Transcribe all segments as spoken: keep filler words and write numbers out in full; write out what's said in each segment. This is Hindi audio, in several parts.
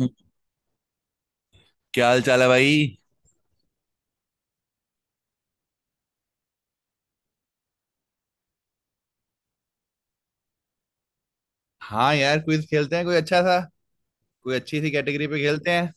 हम्म, क्या हाल चाल है भाई। हाँ यार, क्विज खेलते हैं कोई अच्छा सा। कोई अच्छी सी कैटेगरी पे खेलते हैं।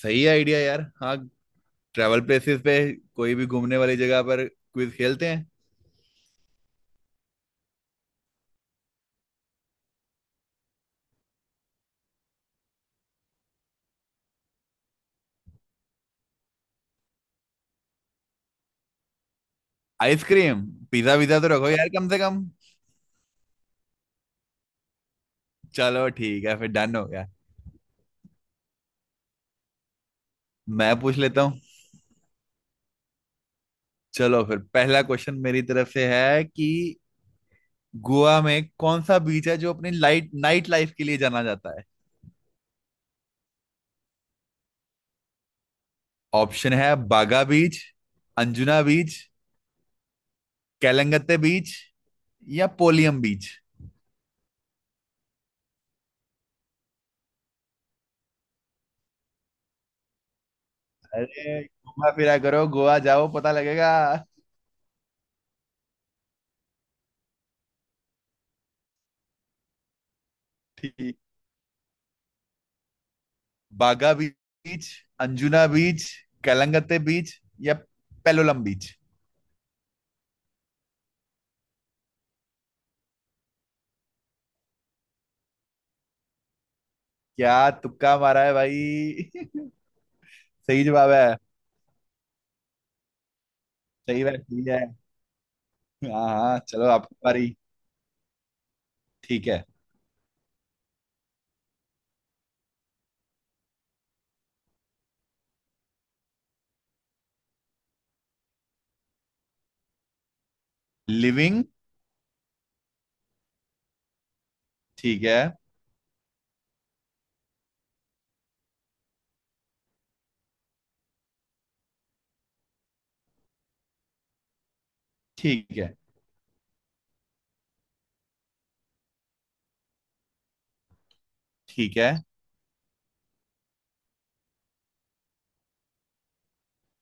सही आइडिया यार। हाँ, ट्रैवल प्लेसेस पे। कोई भी घूमने वाली जगह पर क्विज खेलते हैं। आइसक्रीम? पिज्जा विज़ा तो रखो यार कम से कम। चलो ठीक है फिर, डन हो गया। मैं पूछ लेता हूँ। चलो फिर पहला क्वेश्चन मेरी तरफ से है कि गोवा में कौन सा बीच है जो अपनी लाइट नाइट लाइफ के लिए जाना जाता है। ऑप्शन है बागा बीच, अंजुना बीच, केलंगते बीच या पोलियम बीच। अरे, घूमा फिरा करो, गोवा जाओ, पता लगेगा। ठीक। बागा बीच, अंजुना बीच, कलंगते बीच या पेलोलम बीच। क्या? तुक्का मारा है भाई। सही जवाब है। सही है, सही है। हाँ हाँ, चलो आपकी बारी। ठीक है। लिविंग। ठीक है। ठीक है। ठीक है।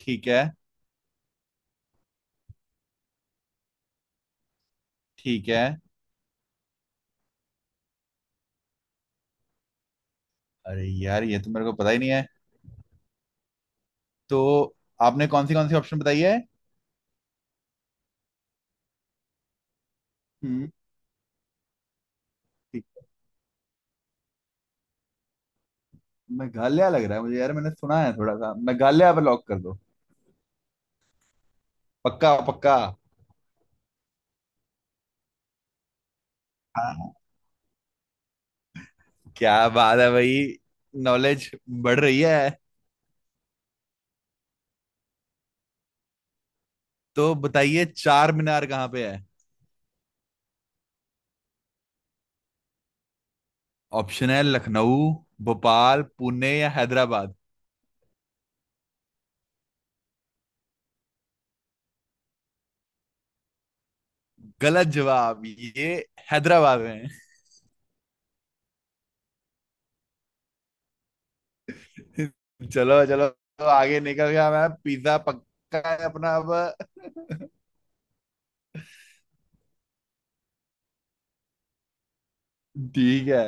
ठीक है। ठीक है। अरे यार, ये तो मेरे को पता ही नहीं है। तो आपने कौन सी कौन सी ऑप्शन बताई है? हम्म। मेघालय लग रहा है मुझे यार, मैंने सुना है थोड़ा सा। मेघालय पे लॉक कर दो। पक्का पक्का। हाँ, क्या बात है भाई। नॉलेज बढ़ रही है। तो बताइए चार मीनार कहाँ पे है। ऑप्शन है लखनऊ, भोपाल, पुणे या हैदराबाद। गलत जवाब ये। हैदराबाद में। चलो चलो, तो आगे निकल गया मैं। पिज्जा पक्का है अपना अब। ठीक है।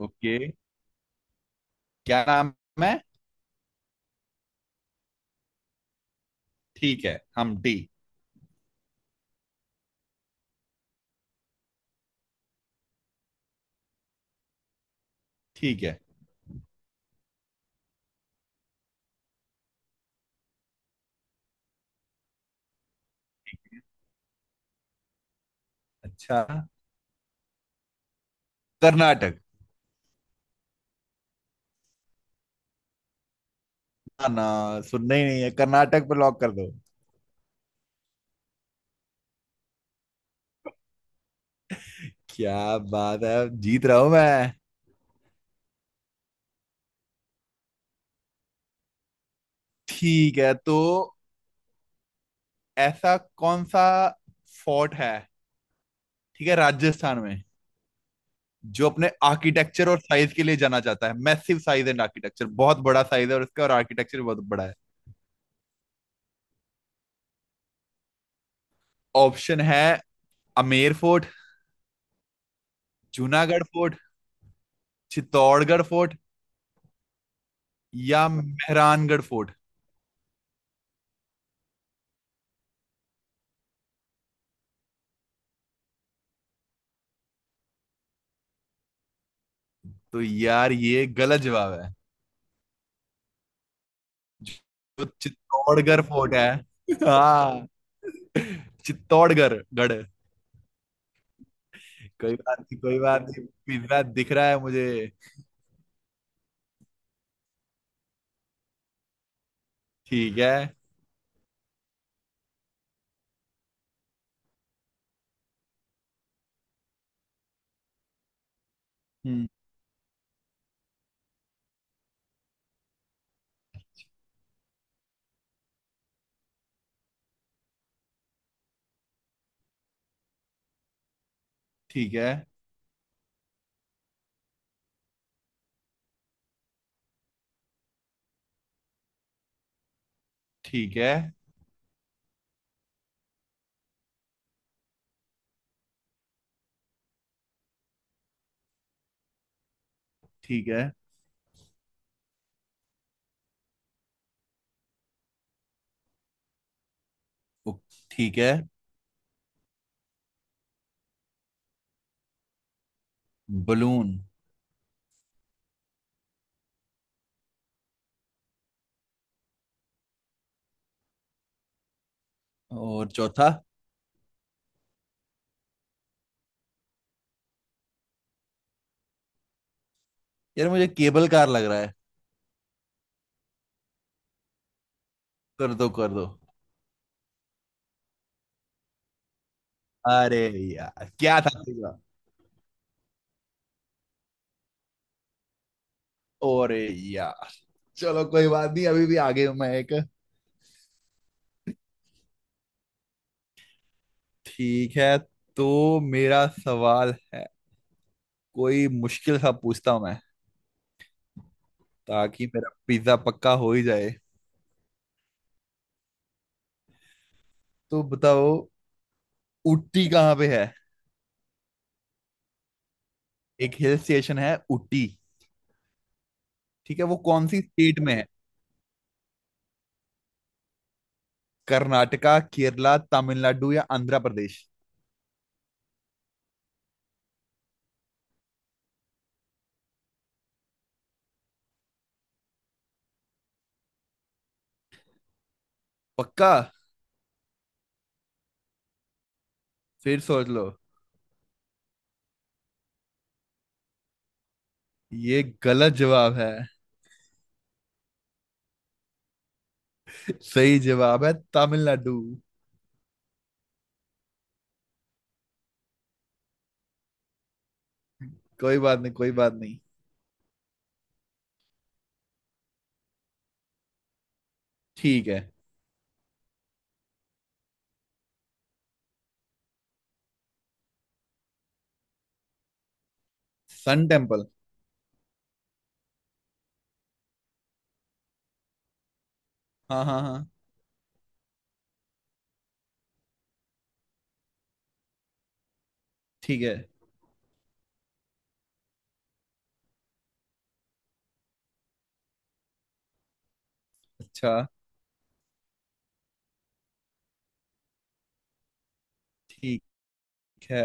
ओके। क्या नाम है? ठीक है, हम डी। ठीक है। अच्छा। कर्नाटक। ना, सुनना ही नहीं है, कर्नाटक पे लॉक कर दो। क्या बात है, जीत रहा हूं मैं। ठीक है। तो ऐसा कौन सा फोर्ट है, ठीक है, राजस्थान में, जो अपने आर्किटेक्चर और साइज के लिए जाना जाता है। मैसिव साइज एंड आर्किटेक्चर, बहुत बड़ा साइज है और इसका और आर्किटेक्चर बहुत बड़ा है। ऑप्शन है Amer fort, Junagarh fort, Chittorgarh fort या मेहरानगढ़ फोर्ट। तो यार, ये गलत जवाब है। तो चित्तौड़गढ़ फोर्ट है। हाँ, चित्तौड़गढ़ गढ़। कोई बात नहीं, कोई बात नहीं, पिज्जा दिख रहा है मुझे। ठीक है। हम्म। ठीक है। ठीक है। ठीक है। ओ, ठीक है। बलून। और चौथा? यार, मुझे केबल कार लग रहा है। कर दो कर दो। अरे यार, क्या था तीसरा? अरे यार, चलो कोई बात नहीं, अभी भी आगे हूं मैं एक। ठीक है। तो मेरा सवाल है, कोई मुश्किल सा पूछता हूं मैं, ताकि मेरा पिज्जा पक्का हो ही जाए। तो बताओ, उटी कहाँ पे है? एक हिल स्टेशन है उटी। ठीक है, वो कौन सी स्टेट में है? कर्नाटका, केरला, तमिलनाडु या आंध्र प्रदेश। पक्का? फिर सोच लो। ये गलत जवाब है। सही जवाब है तमिलनाडु। कोई बात नहीं, कोई बात नहीं। ठीक है। Sun temple. हाँ हाँ हाँ। ठीक है। अच्छा। ठीक है।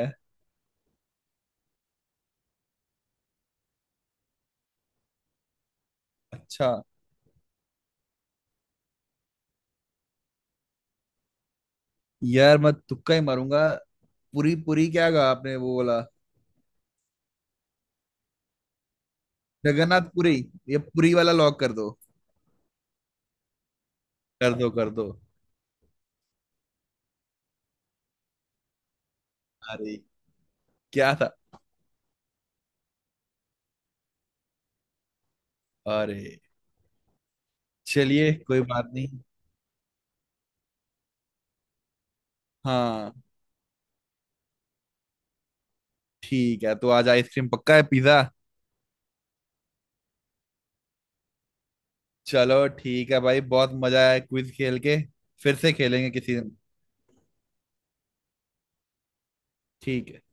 अच्छा। यार मैं तुक्का ही मारूंगा। पुरी पुरी क्या कहा आपने, वो बोला जगन्नाथ पुरी। ये पुरी वाला लॉक कर दो। कर दो कर दो। अरे, क्या था? अरे, चलिए कोई बात नहीं। हाँ, ठीक है, तो आज आइसक्रीम पक्का है, पिज्जा। चलो ठीक है भाई, बहुत मजा आया क्विज खेल के। फिर से खेलेंगे किसी दिन। ठीक है।